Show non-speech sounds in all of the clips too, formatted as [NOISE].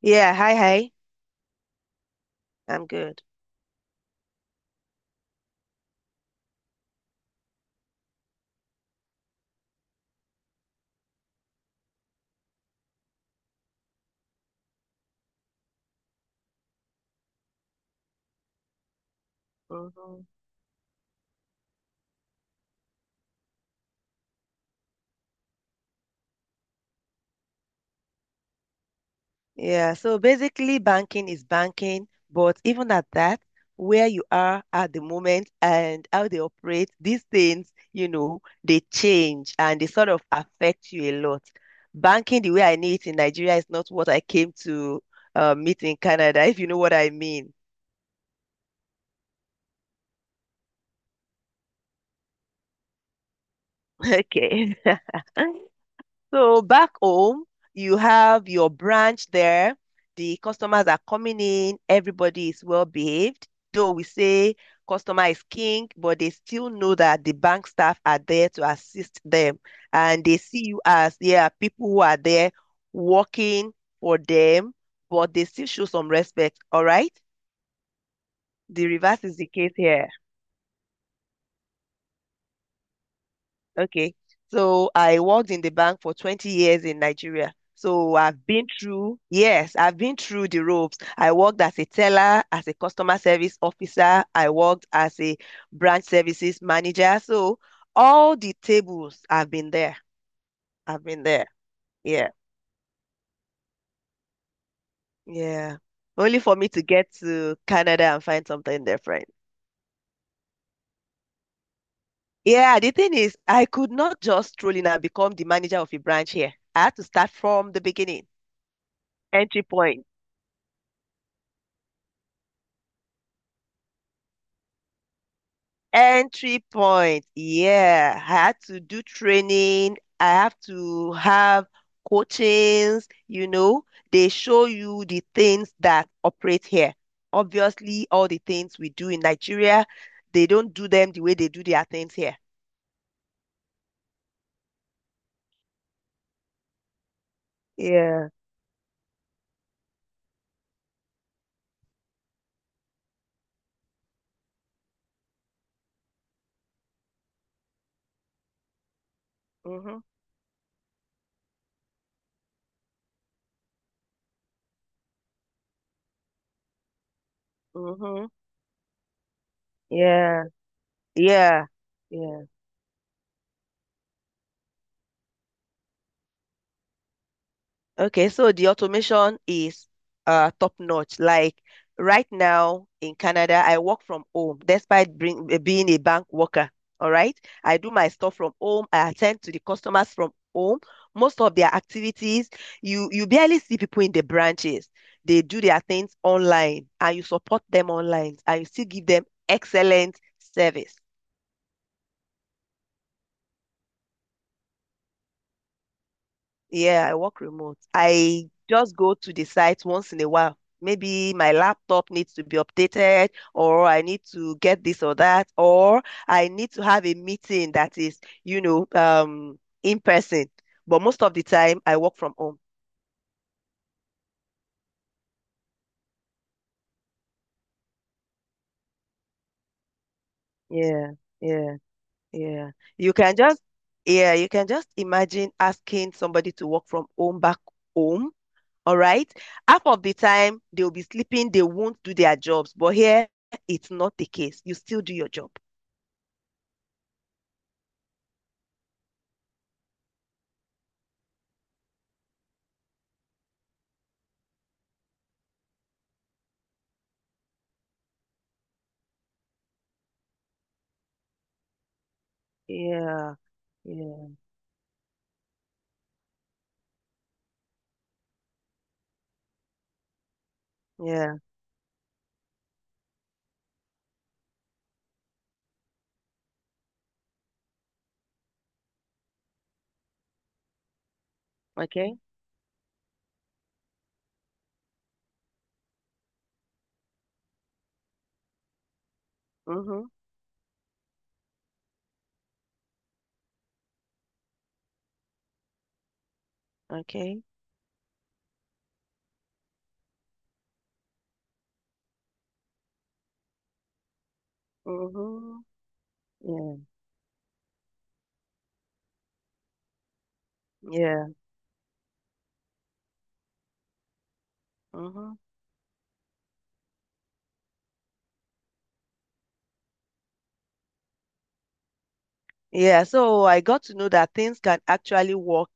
Yeah, hi, hi. I'm good. Hmm. Yeah, so basically, banking is banking, but even at that, where you are at the moment and how they operate, these things, you know, they change and they sort of affect you a lot. Banking, the way I know it in Nigeria, is not what I came to meet in Canada, [LAUGHS] if you know what I mean. [LAUGHS] Okay. [LAUGHS] So back home, you have your branch there. The customers are coming in. Everybody is well behaved. Though we say customer is king, but they still know that the bank staff are there to assist them. And they see you as, yeah, people who are there working for them, but they still show some respect. All right? The reverse is the case here. Okay. So I worked in the bank for 20 years in Nigeria. So I've been through, yes, I've been through the ropes. I worked as a teller, as a customer service officer. I worked as a branch services manager. So all the tables, I've been there. I've been there. Yeah. Yeah. Only for me to get to Canada and find something different. Yeah, the thing is, I could not just stroll in and become the manager of a branch here. I had to start from the beginning, entry point. Entry point. Yeah, I had to do training. I have to have coachings. They show you the things that operate here. Obviously, all the things we do in Nigeria, they don't do them the way they do their things here. Yeah. Mm-hmm. Mm-hmm. Yeah. Yeah. Yeah. Okay, so the automation is top notch. Like right now in Canada, I work from home despite being a bank worker. All right, I do my stuff from home. I attend to the customers from home. Most of their activities, you barely see people in the branches. They do their things online, and you support them online, and you still give them excellent service. Yeah, I work remote. I just go to the site once in a while. Maybe my laptop needs to be updated, or I need to get this or that, or I need to have a meeting that is, in person. But most of the time, I work from home. Yeah, yeah, yeah. You can just, yeah, you can just imagine asking somebody to work from home back home. All right. Half of the time they'll be sleeping, they won't do their jobs. But here it's not the case. You still do your job. Yeah, yeah, yeah. Okay. Mm-hmm. Okay. Mm-hmm. Yeah. Yeah. Mm-hmm. Yeah, so I got to know that things can actually work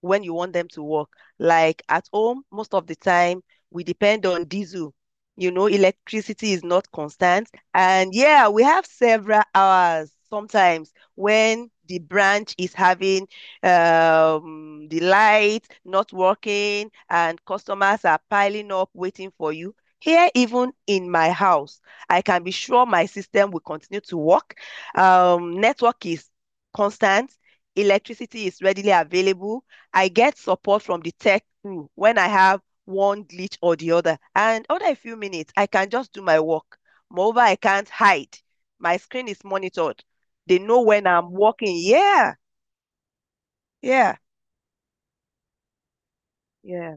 when you want them to work. Like at home, most of the time, we depend on diesel. You know, electricity is not constant. And yeah, we have several hours sometimes when the branch is having the light not working and customers are piling up waiting for you. Here, even in my house, I can be sure my system will continue to work. Network is constant. Electricity is readily available. I get support from the tech crew when I have one glitch or the other. And after a few minutes, I can just do my work. Moreover, I can't hide. My screen is monitored. They know when I'm working. Yeah, yeah, yeah.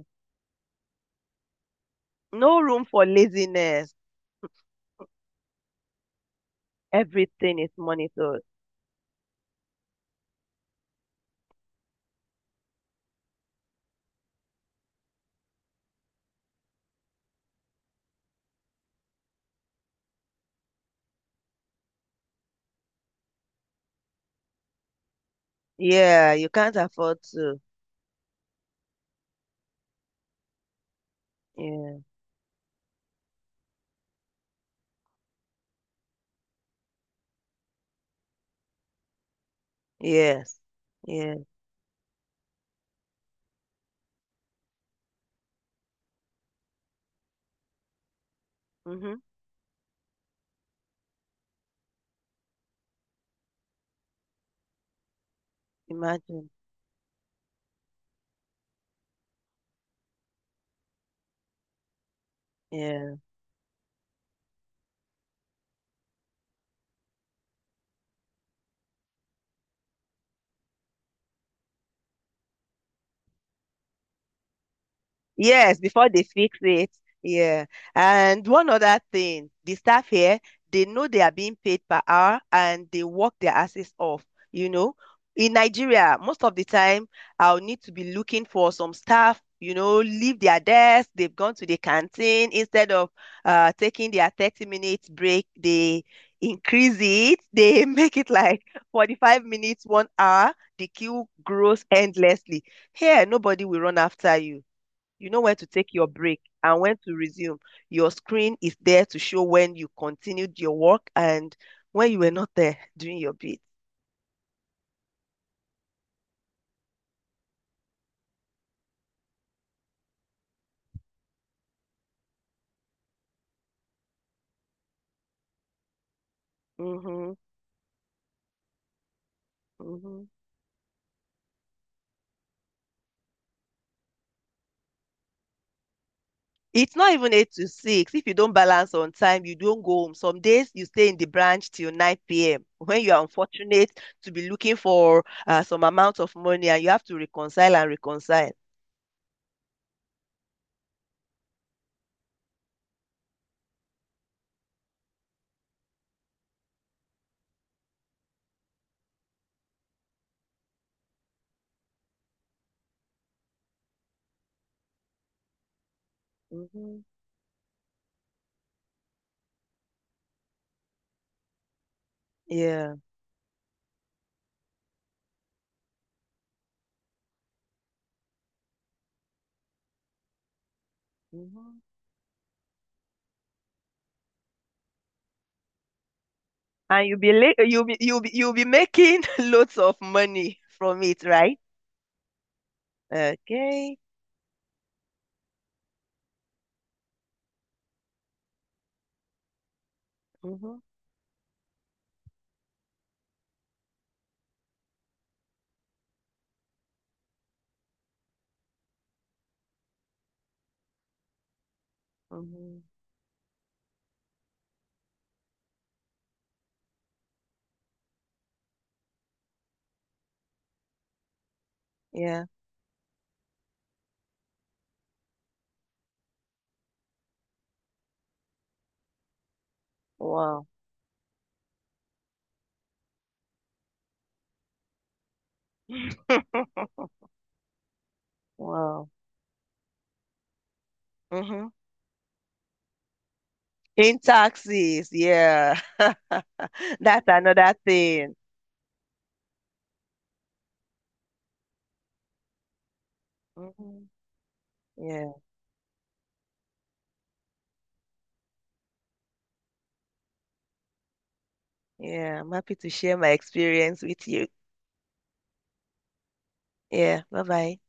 No room for laziness. Everything is monitored. Yeah, you can't afford to. Yeah, yes, yeah. Mm-hmm. Imagine. Yeah. Yes, before they fix it. Yeah. And one other thing, the staff here, they know they are being paid per hour and they work their asses off, you know. In Nigeria, most of the time, I'll need to be looking for some staff, leave their desk, they've gone to the canteen. Instead of taking their 30 minutes break, they increase it. They [LAUGHS] make it like 45 minutes, 1 hour. The queue grows endlessly. Here, nobody will run after you. You know when to take your break and when to resume. Your screen is there to show when you continued your work and when you were not there [LAUGHS] doing your bit. Hmm. Hmm. It's not even 8 to 6. If you don't balance on time, you don't go home. Some days you stay in the branch till 9 p.m. When you are unfortunate to be looking for some amount of money and you have to reconcile and reconcile. Hmm. Yeah. Hmm. And you'll be, la- you'll be, you'll be, you'll be making [LAUGHS] loads of money from it, right? Okay. Mm-hmm. Mm-hmm. Yeah. Wow. [LAUGHS] Wow. Mm-hmm. In taxis. Yeah. [LAUGHS] That's another thing. Hmm. Yeah. Yeah. I'm happy to share my experience with you. Yeah. Bye bye.